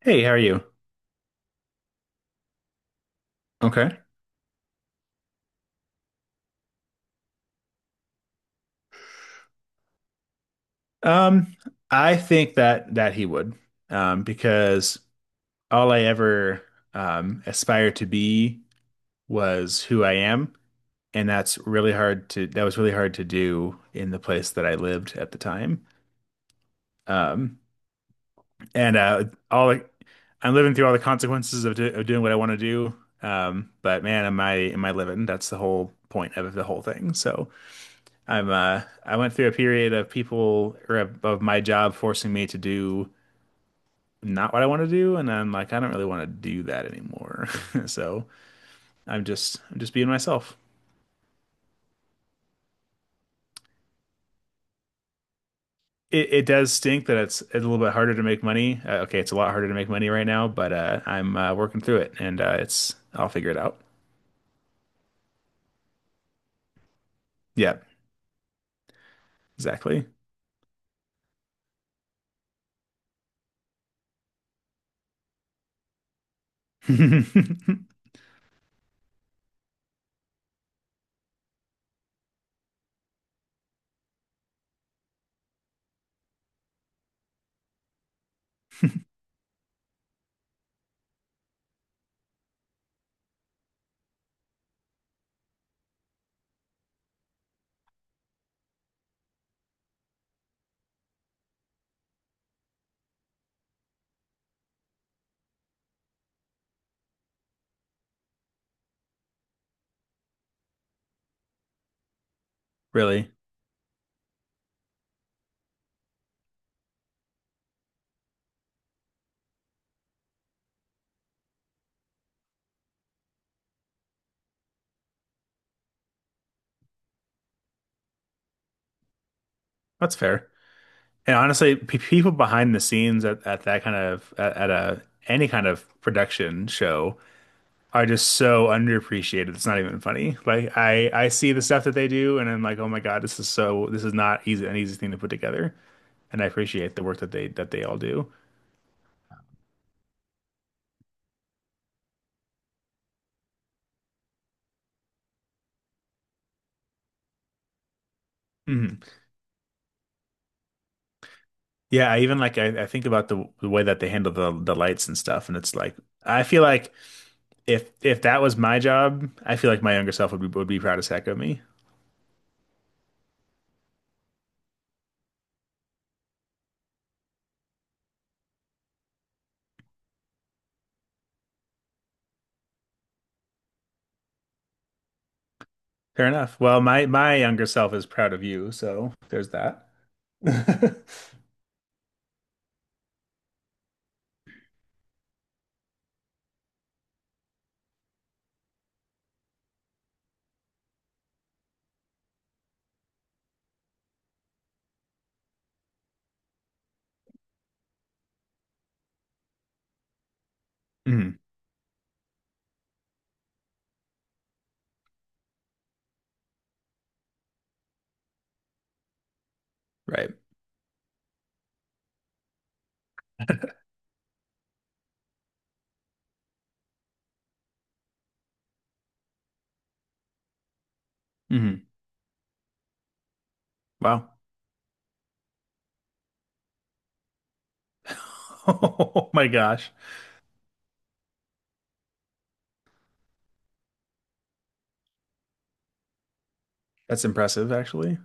Hey, how are you? Okay. Um, I think that he would, because all I ever aspired to be was who I am, and that was really hard to do in the place that I lived at the time. Um, and all I'm living through all the consequences of doing what I want to do. But man, am I living? That's the whole point of the whole thing. So. I'm I went through a period of people or of my job forcing me to do not what I want to do, and I'm like, I don't really want to do that anymore. So I'm just being myself. It does stink that it's a little bit harder to make money. Okay, it's a lot harder to make money right now, but I'm working through it, and it's I'll figure it out. Yeah, exactly. Really, that's fair. And honestly, p people behind the scenes at a any kind of production show are just so underappreciated. It's not even funny. Like I see the stuff that they do and I'm like, "Oh my God, this is not easy an easy thing to put together." And I appreciate the work that they all do. Mhm. Yeah, I even like I think about the way that they handle the lights and stuff and it's like I feel like if that was my job, I feel like my younger self would be proud as heck of me. Fair enough. Well, my younger self is proud of you, so there's that. Mhm. Right. Mhm. Wow. Oh my gosh. That's impressive, actually.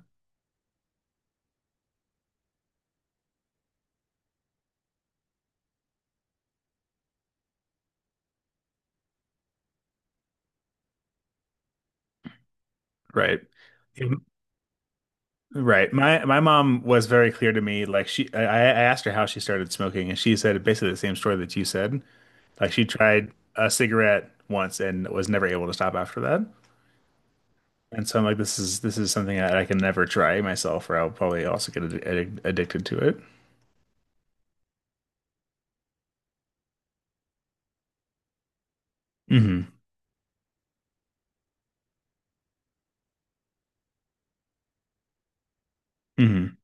Right. Um, Right. My mom was very clear to me. Like I asked her how she started smoking, and she said basically the same story that you said. Like she tried a cigarette once and was never able to stop after that. And so I'm like, this is something that I can never try myself, or I'll probably also get addicted to it. hmm hmm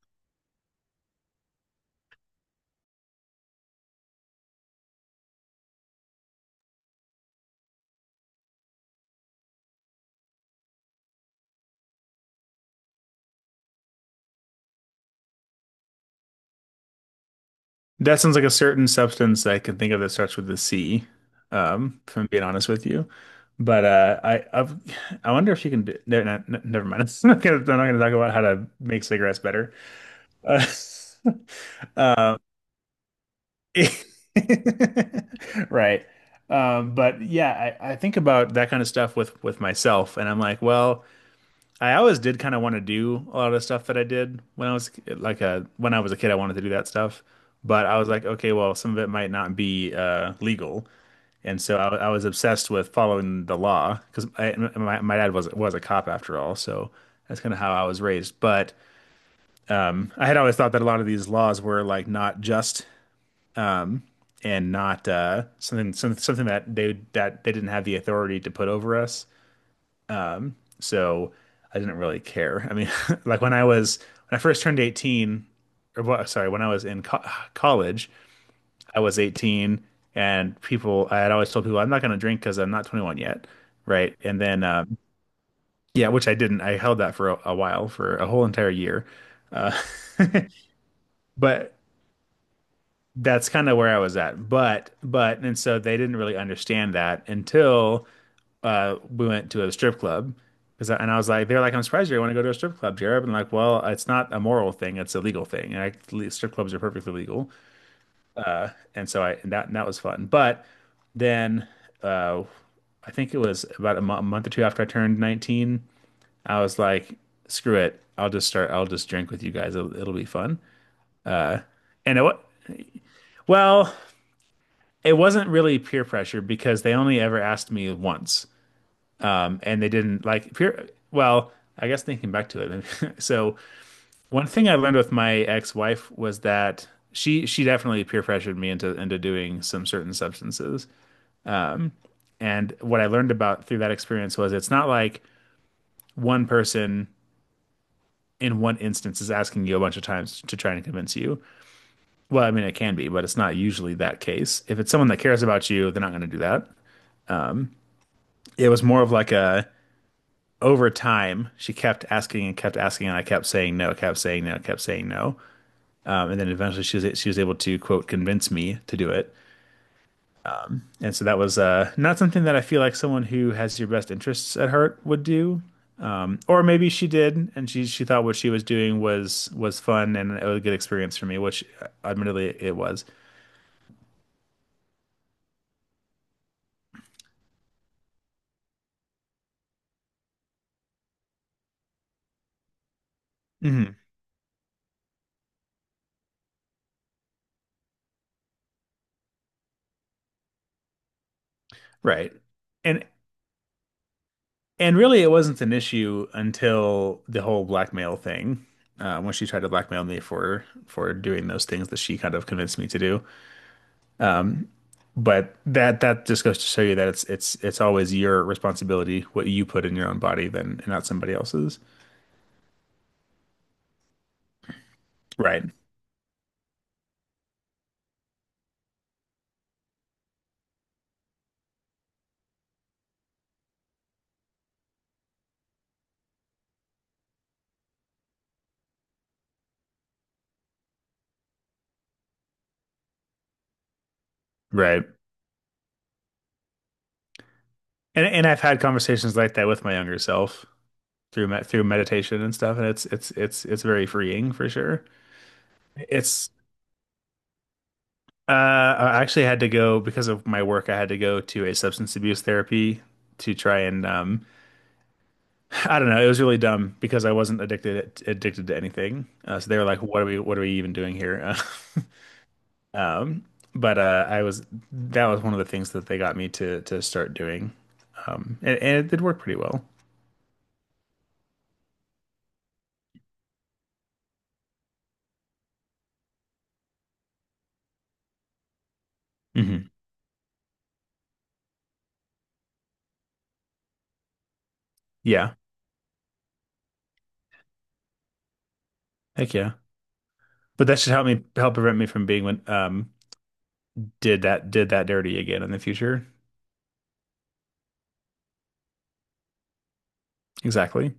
That sounds like a certain substance that I can think of that starts with the C, if I'm being honest with you. But I've, I wonder if you can do, no, no, no, never mind. I'm not gonna talk about how to make cigarettes better. Uh, um, right. But yeah, I think about that kind of stuff with myself, and I'm like, well. I always did kind of want to do a lot of stuff that I did when I was like a when I was a kid. I wanted to do that stuff, but I was like, okay, well, some of it might not be legal, and so I was obsessed with following the law because my dad was a cop after all, so that's kind of how I was raised. But I had always thought that a lot of these laws were like not just and not something that they didn't have the authority to put over us. So I didn't really care. I mean, like when I was, when I first turned 18, when I was in co college, I was 18 and I had always told people, I'm not going to drink because I'm not 21 yet. Right. And then, yeah, which I didn't. I held that for a while, for a whole entire year. Uh, but that's kind of where I was at. And so they didn't really understand that until we went to a strip club because and I was like, they're like, I'm surprised you want to go to a strip club, Jared. And like, well, it's not a moral thing; it's a legal thing. Strip clubs are perfectly legal, and so I and that was fun. But then uh, I think it was about a a month or two after I turned 19, I was like, screw it, I'll just drink with you guys. It'll be fun. And it well, it wasn't really peer pressure because they only ever asked me once, and they didn't like peer. Well, I guess thinking back to it, so one thing I learned with my ex-wife was that she definitely peer pressured me into doing some certain substances. And what I learned about through that experience was it's not like one person in one instance is asking you a bunch of times to try and convince you. Well, I mean it can be, but it's not usually that case. If it's someone that cares about you, they're not going to do that. It was more of like a over time, she kept asking, and I kept saying no, kept saying no, kept saying no. And then eventually she was able to quote convince me to do it. And so that was not something that I feel like someone who has your best interests at heart would do. Or maybe she did, and she thought what she was doing was fun and it was a good experience for me, which admittedly it was. hmm Right. And and really it wasn't an issue until the whole blackmail thing, when she tried to blackmail me for doing those things that she kind of convinced me to do. But that just goes to show you that it's always your responsibility what you put in your own body than and not somebody else's. Right. Right. And I've had conversations like that with my younger self through meditation and stuff, and it's very freeing for sure. It's I actually had to go because of my work, I had to go to a substance abuse therapy to try and I don't know, it was really dumb because I wasn't addicted to anything. So they were like, what are we even doing here? um but I was that was one of the things that they got me to start doing. And it did work pretty well. hmm Yeah. Heck yeah. But that should help me help prevent me from being when did that dirty again in the future. Exactly.